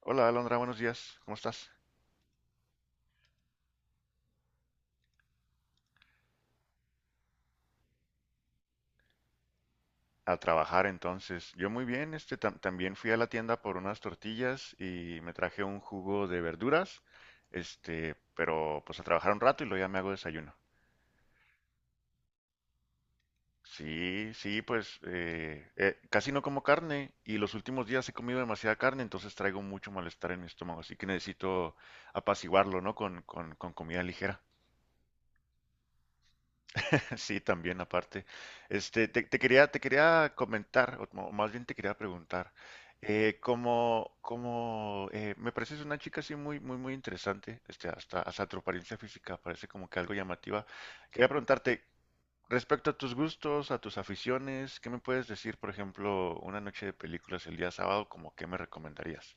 Hola Alondra, buenos días. ¿Cómo estás? A trabajar entonces. Yo muy bien, también fui a la tienda por unas tortillas y me traje un jugo de verduras, pero pues a trabajar un rato y luego ya me hago desayuno. Sí, sí, pues casi no como carne y los últimos días he comido demasiada carne, entonces traigo mucho malestar en mi estómago, así que necesito apaciguarlo, ¿no? Con comida ligera. Sí, también aparte. Te quería comentar, más bien te quería preguntar, como, como me pareces una chica así muy, muy, muy interesante, hasta tu apariencia física parece como que algo llamativa. Quería preguntarte, respecto a tus gustos, a tus aficiones, ¿qué me puedes decir, por ejemplo, una noche de películas el día sábado, como qué me recomendarías?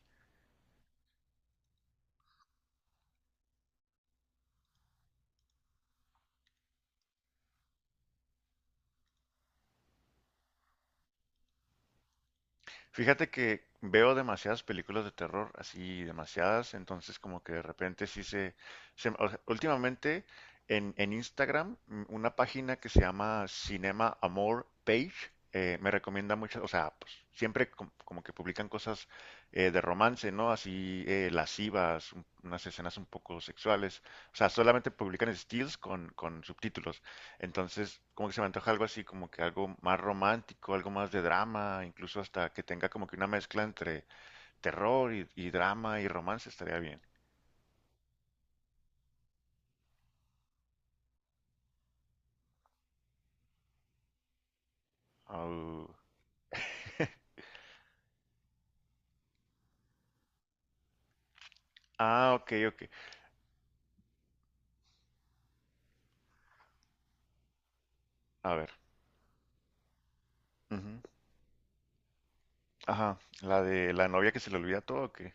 Fíjate que veo demasiadas películas de terror, así demasiadas, entonces como que de repente o sea, últimamente en Instagram, una página que se llama Cinema Amor Page, me recomienda muchas, o sea, pues siempre como que publican cosas de romance, ¿no? Así lascivas, unas escenas un poco sexuales, o sea, solamente publican stills con subtítulos. Entonces, como que se me antoja algo así, como que algo más romántico, algo más de drama, incluso hasta que tenga como que una mezcla entre terror y drama y romance estaría bien. Au. Ah, ok, ok. A ver. Ujú. Ajá, la de la novia que se le olvida todo, ¿o qué?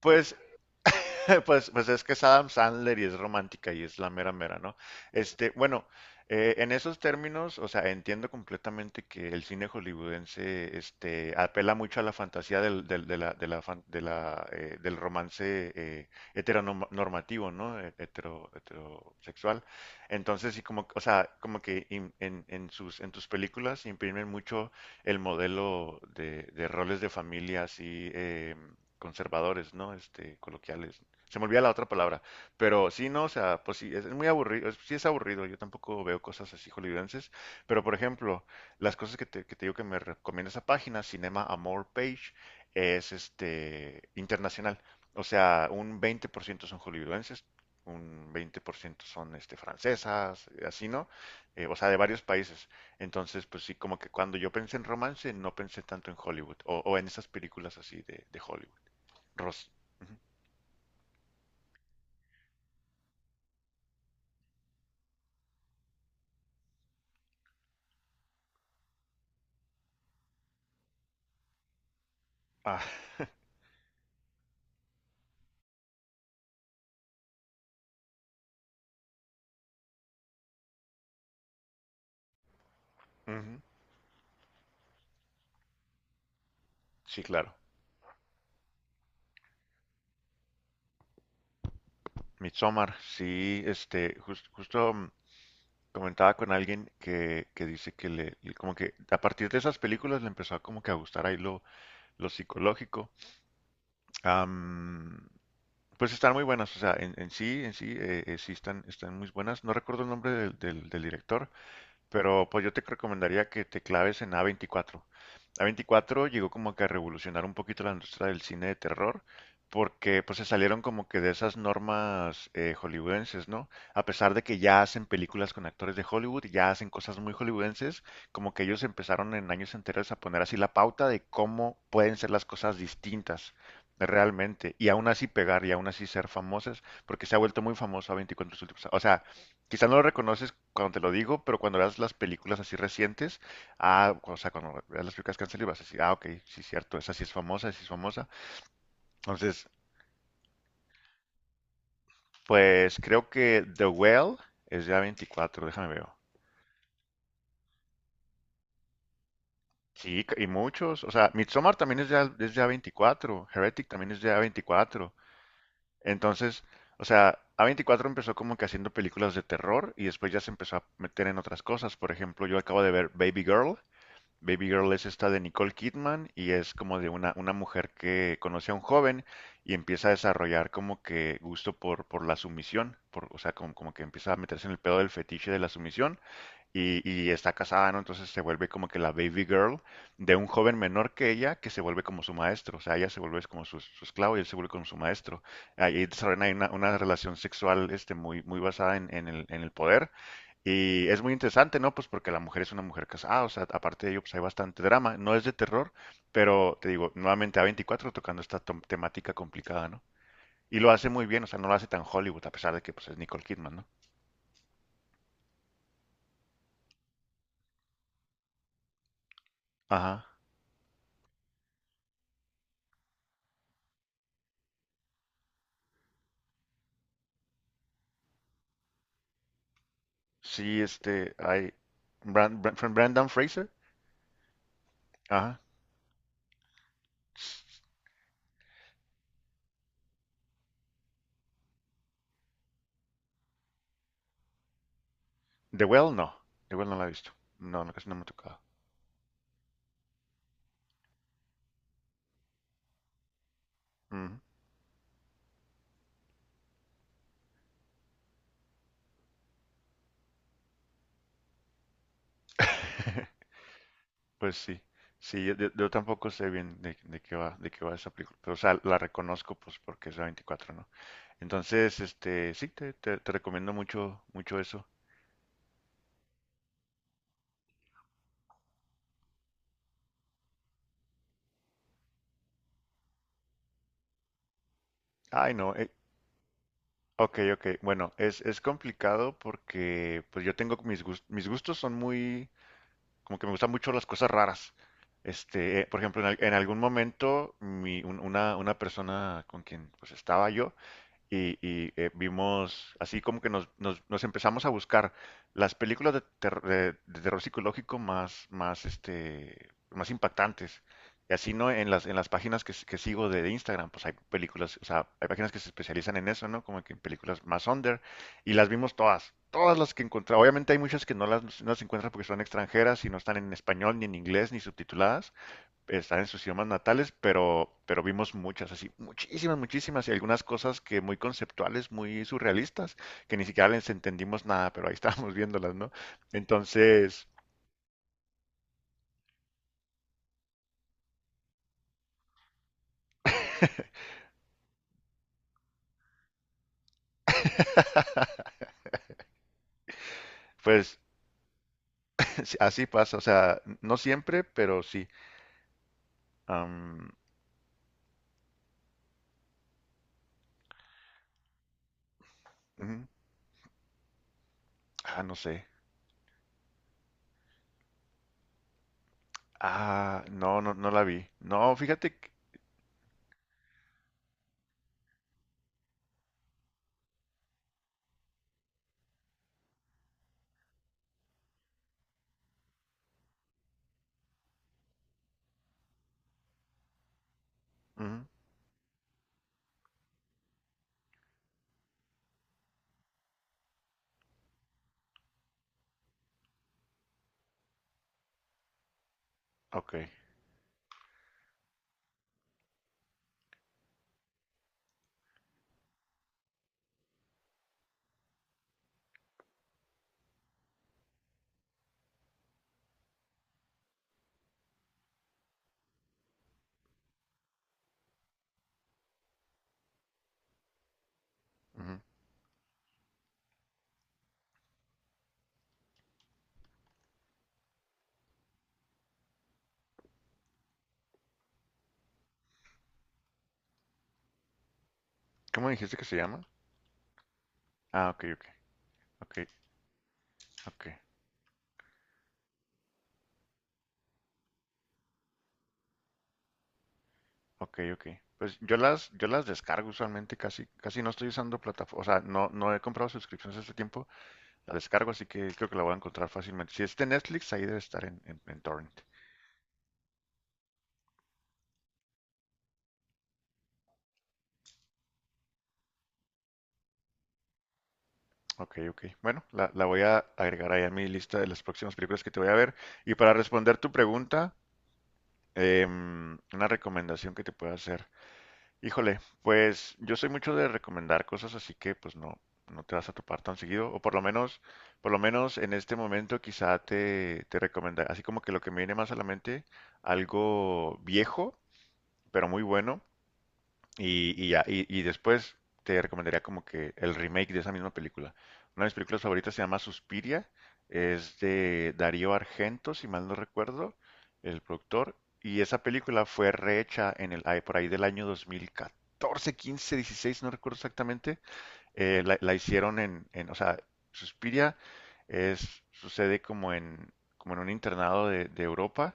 Pues Pues es que es Adam Sandler y es romántica y es la mera mera, ¿no? Bueno, en esos términos, o sea, entiendo completamente que el cine hollywoodense, apela mucho a la fantasía del, del, de la del romance heteronormativo, ¿no? Heterosexual. Entonces, sí, como que en tus películas imprimen mucho el modelo de roles de familia así conservadores, ¿no? Coloquiales. Se me olvida la otra palabra. Pero sí, no, o sea, pues sí, es muy aburrido, sí es aburrido, yo tampoco veo cosas así hollywoodenses, pero por ejemplo, las cosas que te digo que me recomienda esa página, Cinema Amor Page, es internacional. O sea, un 20% son hollywoodenses, un 20% son francesas, así, ¿no? O sea, de varios países. Entonces, pues sí, como que cuando yo pensé en romance, no pensé tanto en Hollywood, o en esas películas así de Hollywood. Ros. Ujú. Ah. Ujú, sí, claro. Midsommar, sí, justo comentaba con alguien que dice que como que a partir de esas películas le empezó a como que a gustar ahí lo psicológico. Am, pues están muy buenas, o sea, en sí, sí están muy buenas. No recuerdo el nombre del director, pero pues yo te recomendaría que te claves en A24. A24 llegó como que a revolucionar un poquito la industria del cine de terror, porque pues se salieron como que de esas normas hollywoodenses, ¿no? A pesar de que ya hacen películas con actores de Hollywood, ya hacen cosas muy hollywoodenses, como que ellos empezaron en años enteros a poner así la pauta de cómo pueden ser las cosas distintas realmente, y aún así pegar y aún así ser famosas, porque se ha vuelto muy famoso A24 O sea, quizá no lo reconoces cuando te lo digo, pero cuando veas las películas así recientes, ah, o sea, cuando veas las películas que han salido, vas a decir, ah, ok, sí, cierto, esa sí es famosa, esa sí es famosa. Entonces, pues creo que The Well es ya 24, déjame ver. Sí, y muchos, o sea, Midsommar también es ya 24, Heretic también es ya 24. Entonces, o sea, A24 empezó como que haciendo películas de terror y después ya se empezó a meter en otras cosas. Por ejemplo, yo acabo de ver Baby Girl, Baby Girl es esta de Nicole Kidman y es como de una mujer que conoce a un joven y empieza a desarrollar como que gusto por la sumisión, o sea, como que empieza a meterse en el pedo del fetiche de la sumisión y está casada, ¿no? Entonces se vuelve como que la baby girl de un joven menor que ella que se vuelve como su maestro. O sea, ella se vuelve como su esclavo y él se vuelve como su maestro. Ahí desarrollan ahí una relación sexual muy, muy basada en el poder. Y es muy interesante, ¿no? Pues porque la mujer es una mujer casada, o sea, aparte de ello, pues hay bastante drama. No es de terror, pero te digo, nuevamente A24 tocando esta temática complicada, ¿no? Y lo hace muy bien, o sea, no lo hace tan Hollywood, a pesar de que pues es Nicole Kidman, ¿no? Ajá. Sí, hay Brandon Fraser. Ajá. The Well, no. The Well no la he visto. No, no, casi no me ha tocado. Ujú. Pues sí. Sí, yo tampoco sé bien de qué va, de qué va esa película. Pero, o sea, la reconozco pues porque es la 24, ¿no? Entonces, sí, te recomiendo mucho, mucho eso. Ay, no. Ok, ok. Bueno, es complicado porque pues yo tengo mis gustos son muy como que me gustan mucho las cosas raras. Por ejemplo, en algún momento, una persona con quien pues estaba yo, vimos, así como que nos empezamos a buscar las películas de terror psicológico más, más, más impactantes. Y así, ¿no? En las páginas que sigo de Instagram, pues hay películas, o sea, hay páginas que se especializan en eso, ¿no? Como que en películas más under. Y las vimos todas, todas las que encontré. Obviamente hay muchas que no las encuentras porque son extranjeras y no están en español, ni en inglés, ni subtituladas están en sus idiomas natales, pero vimos muchas, así, muchísimas, muchísimas, y algunas cosas que muy conceptuales, muy surrealistas, que ni siquiera les entendimos nada, pero ahí estábamos viéndolas, ¿no? Entonces, pues así pasa, o sea, no siempre, pero sí. Am, ujú. Ah, no sé. Ah, no, no, no la vi. No, fíjate que... Ujú, ok. Ujú. ¿Cómo dijiste que se llama? Ah, ok, ok, ok, ok. Ok, ok. Pues yo las descargo usualmente, casi, casi no estoy usando plataforma, o sea, no he comprado suscripciones este tiempo, la descargo, así que creo que la voy a encontrar fácilmente. Si es de Netflix, ahí debe estar en Torrent. Ok, ok. Bueno, la voy a agregar ahí a mi lista de las próximas películas que te voy a ver. Y para responder tu pregunta, una recomendación que te puedo hacer. Híjole, pues yo soy mucho de recomendar cosas, así que pues no te vas a topar tan seguido, o por lo menos en este momento quizá te recomendaré, así como que lo que me viene más a la mente, algo viejo, pero muy bueno. Y ya, y después te recomendaría como que el remake de esa misma película. Una de mis películas favoritas se llama Suspiria, es de Darío Argento, si mal no recuerdo, el productor, y esa película fue rehecha por ahí del año 2014, 15, 16, no recuerdo exactamente, la hicieron Suspiria sucede como en un internado de Europa,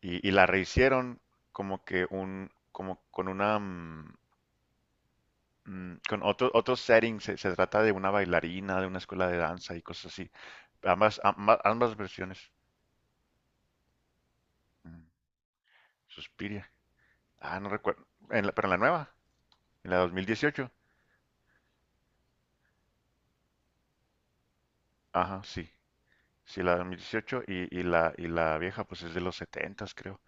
y la rehicieron como que como con una... con otro setting, se trata de una bailarina, de una escuela de danza y cosas así. Ambas, ambas, ambas versiones. Mm, Suspiria. Ah, no recuerdo. Pero en la nueva, en la 2018. Ajá, sí. Sí, la 2018 y la vieja, pues es de los 70, creo.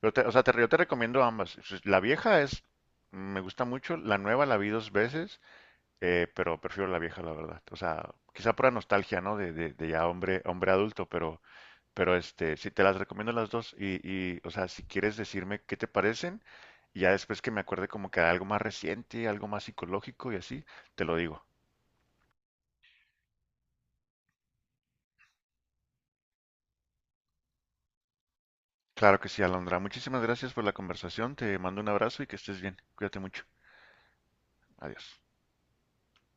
Pero o sea, yo te recomiendo ambas. Pues, la vieja me gusta mucho. La nueva la vi dos veces, pero prefiero la vieja, la verdad. O sea, quizá por la nostalgia, ¿no? De ya hombre, hombre adulto, pero. Pero sí, te las recomiendo las dos o sea, si quieres decirme qué te parecen, y ya después que me acuerde como que algo más reciente, algo más psicológico y así, te lo digo. Claro que sí, Alondra. Muchísimas gracias por la conversación. Te mando un abrazo y que estés bien. Cuídate mucho. Adiós.